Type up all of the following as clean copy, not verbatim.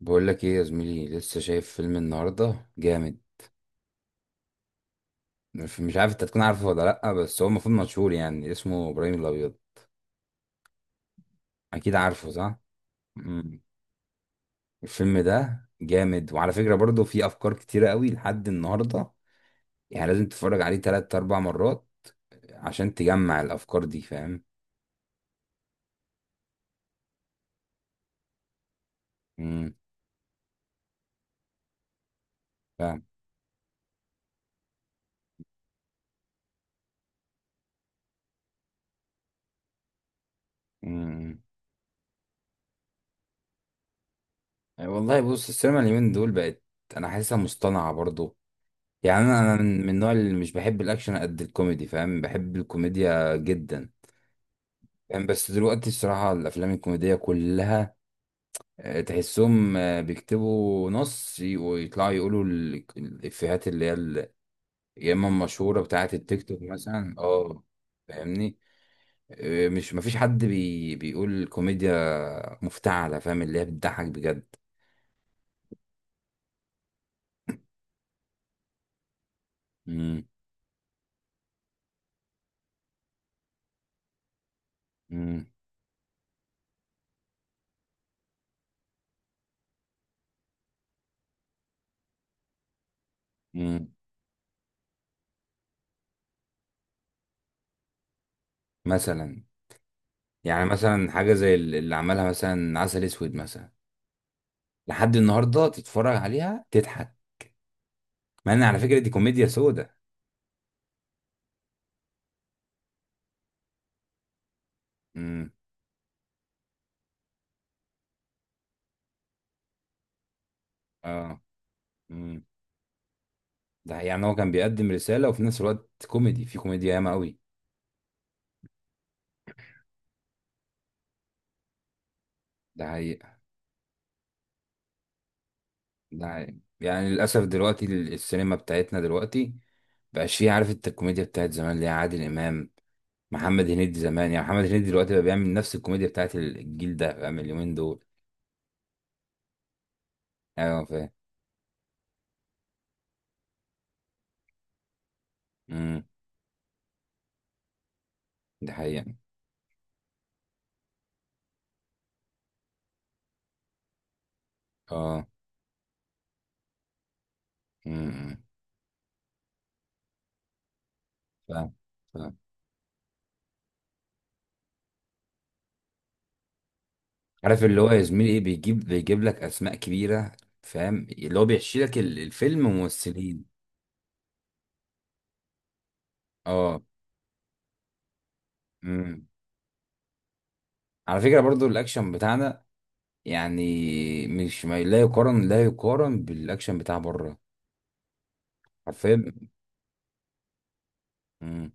بقول لك ايه يا زميلي، لسه شايف فيلم النهارده جامد. مش عارف انت تكون عارفه ولا لا، بس هو المفروض مشهور، يعني اسمه ابراهيم الابيض. اكيد عارفه، صح؟ مم. الفيلم ده جامد، وعلى فكره برضه في افكار كتيره قوي لحد النهارده. يعني لازم تتفرج عليه تلات اربع مرات عشان تجمع الافكار دي، فاهم؟ امم. فاهم. امم. والله، بص، السينما اليومين دول بقت، انا حاسسها مصطنعه برضه. يعني انا من النوع اللي مش بحب الاكشن قد الكوميدي، فاهم، بحب الكوميديا جدا. يعني بس دلوقتي الصراحة الأفلام الكوميدية كلها، تحسهم بيكتبوا نص ويطلعوا يقولوا الإفيهات اللي هي يا إما المشهورة بتاعة التيك توك، مثلا، اه. فاهمني. مش مفيش حد بيقول كوميديا مفتعلة، فاهم، اللي هي بتضحك بجد. مم. مم. مم. مثلا. يعني مثلا حاجة زي اللي عملها مثلا عسل أسود مثلا. لحد النهاردة تتفرج عليها تضحك. مع إن على فكرة دي كوميديا سودة. مم. اه. مم. ده حقيقي. يعني هو كان بيقدم رسالة، وفي نفس الوقت كوميدي، في كوميديا ياما قوي. ده حقيقة. ده حقيقة. يعني للأسف دلوقتي السينما بتاعتنا دلوقتي مبقاش فيها، عارف انت، الكوميديا بتاعت زمان اللي هي عادل إمام، محمد هنيدي زمان. يعني محمد هنيدي دلوقتي بقى بيعمل نفس الكوميديا بتاعت الجيل ده، فاهم، اليومين دول. أيوة، فاهم. مم. ده حقيقة، اه. مم. مم. فاهم. فاهم. عارف اللي هو يا زميلي ايه، بيجيب لك أسماء كبيرة، فاهم، اللي هو بيحشي لك الفيلم ممثلين. اه. مم. على فكرة برضو الاكشن بتاعنا، يعني مش ما لا يقارن، لا يقارن بالاكشن بتاع بره، حرفيا. امم.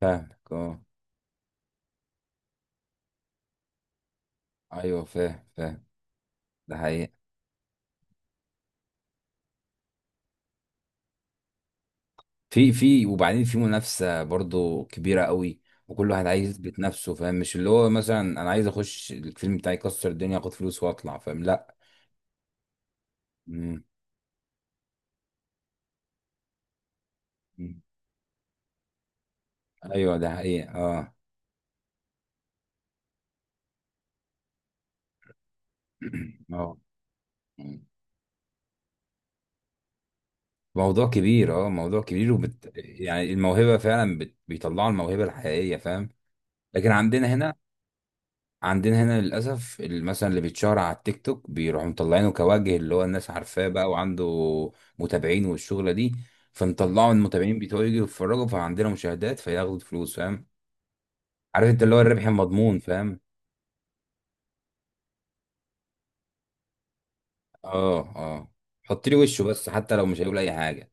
فاهمك، اه. ايوه، فاهم. فاهم. ده حقيقة. في وبعدين في منافسة برضو كبيرة قوي، وكل واحد عايز يثبت نفسه، فاهم، مش اللي هو مثلا انا عايز اخش الفيلم بتاعي يكسر الدنيا، اخد فلوس واطلع، فاهم، لا. امم. أمم. ايوه، ده حقيقة، اه. اه. أمم. موضوع كبير، اه، موضوع كبير، يعني الموهبة فعلا، بيطلعوا الموهبة الحقيقية، فاهم. لكن عندنا هنا، للاسف مثلا اللي بيتشهر على التيك توك بيروحوا مطلعينه كوجه، اللي هو الناس عارفاه بقى، وعنده متابعين والشغله دي، فنطلعوا المتابعين بتوعه يجوا يتفرجوا، فعندنا مشاهدات فياخدوا فلوس، فاهم. عارف انت اللي هو الربح المضمون، فاهم. اه. اه. حط لي وشه بس حتى لو مش هيقول اي حاجه.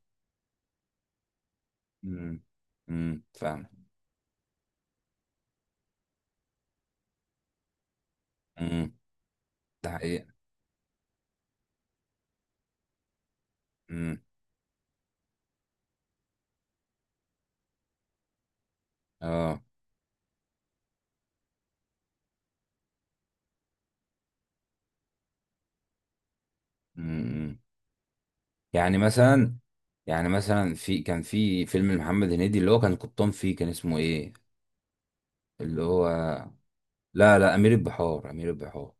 امم. امم، فاهم. امم. ده حقيقه. امم. اه. امم. يعني مثلا يعني مثلا كان في فيلم لمحمد هنيدي اللي هو كان قبطان، فيه كان اسمه ايه؟ اللي هو، لا، لا، امير البحار، امير البحار.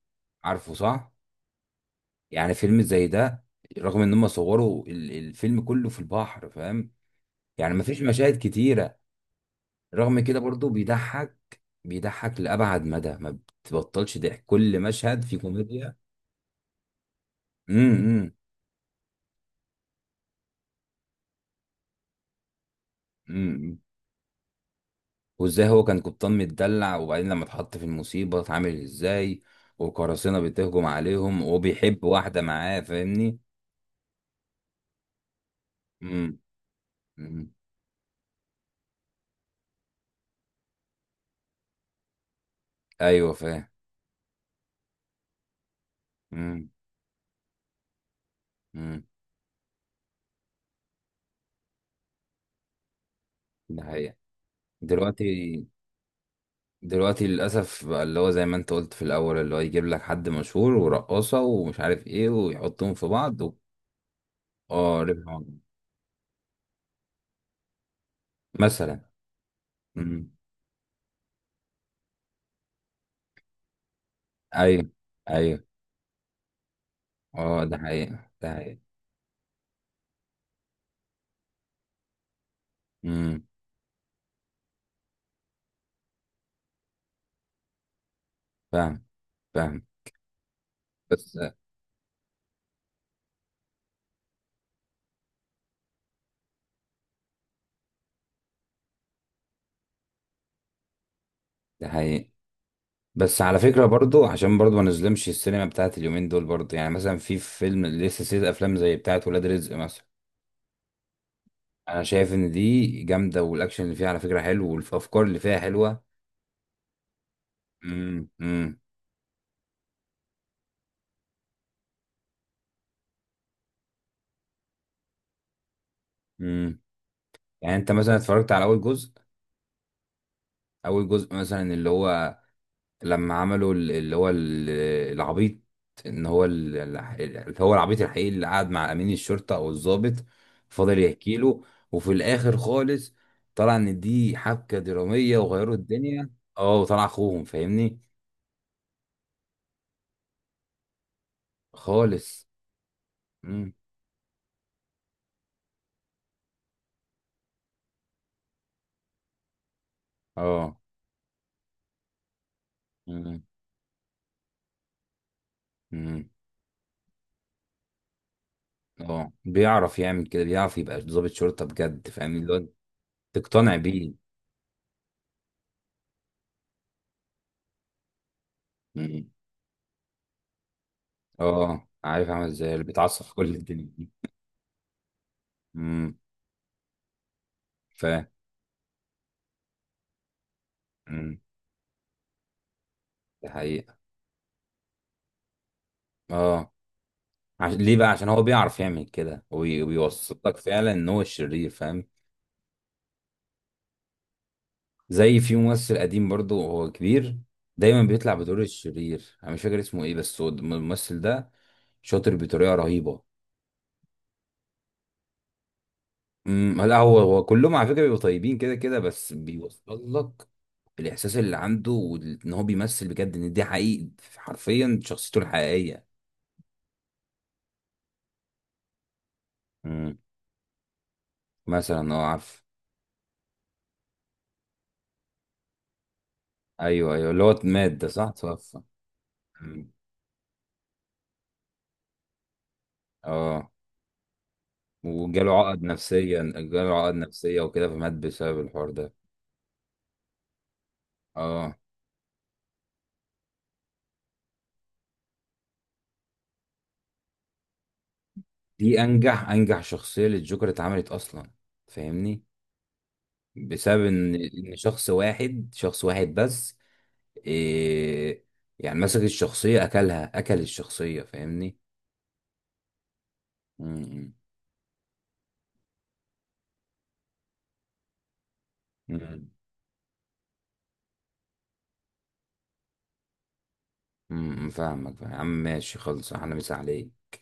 عارفه، صح؟ يعني فيلم زي ده، رغم ان هم صوروا الفيلم كله في البحر، فاهم، يعني مفيش مشاهد كتيرة. رغم كده برضو بيضحك، بيضحك لأبعد مدى، ما بتبطلش ضحك، كل مشهد فيه كوميديا. امم. امم. إمم. إمم. وازاي هو كان قبطان متدلع، وبعدين لما اتحط في المصيبة اتعامل ازاي، وقراصنة بتهجم عليهم، وبيحب واحدة معاه، فاهمني. امم. إمم. ايوه، فاهم. إمم. امم. ده حقيقة. دلوقتي دلوقتي للأسف بقى اللي هو زي ما انت قلت في الأول، اللي هو يجيب لك حد مشهور ورقاصة ومش عارف ايه، ويحطهم في بعض. اه، ربح معجب. مثلا. امم. ايوه. ايوه. اه. ده حقيقة. ده حقيقة. امم. فاهم. فاهم. بس ده حقيقي. بس على فكرة برضو عشان برضو ما نظلمش السينما بتاعت اليومين دول برضو، يعني مثلا في فيلم، لسه سلسلة أفلام زي بتاعت ولاد رزق مثلا. أنا شايف إن دي جامدة، والأكشن اللي فيها على فكرة حلو، والأفكار اللي فيها حلوة. امم. امم. امم. يعني انت مثلا اتفرجت على اول جزء؟ اول جزء مثلا اللي هو، لما عملوا اللي هو العبيط، ان هو اللي هو العبيط الحقيقي اللي قعد مع امين الشرطه او الضابط، فضل يحكي له. وفي الاخر خالص طلع ان دي حبكه دراميه وغيروا الدنيا. اه، وطلع اخوهم، فاهمني، خالص. امم. اه. امم. امم. اه، بيعرف يعمل كده، بيعرف يبقى ضابط شرطه بجد، فاهمني، اللي هو تقتنع بيه. امم. اه، عارف عامل ازاي اللي بيتعصب في كل الدنيا دي. امم، فاهم. امم. دي حقيقة. اه، عشان ليه بقى؟ عشان هو بيعرف يعمل كده، وبيوسط لك فعلا ان هو الشرير، فاهم. زي في ممثل قديم برضو، هو كبير، دايما بيطلع بدور الشرير، انا مش فاكر اسمه ايه، بس هو الممثل ده شاطر بطريقة رهيبة. امم. لا، هو كلهم على فكرة بيبقوا طيبين كده كده، بس بيوصل لك الاحساس اللي عنده، وان هو بيمثل بجد، ان دي حقيقي، حرفيا شخصيته الحقيقية. مم. مثلا، اه، عارف. ايوه، ايوه، اللي هو مات ده، صح، توفى. مم. اه، وجاله عقد نفسية، جاله عقد نفسية وكده، فمات بسبب الحوار ده. اه. دي انجح انجح شخصية للجوكر اتعملت اصلا، فاهمني. بسبب ان شخص واحد، شخص واحد بس. إيه. يعني مسك الشخصية اكلها، اكل الشخصية، فاهمني. امم. امم، فاهمك، فاهم. يا عم ماشي، خلص، احنا مسا عليك.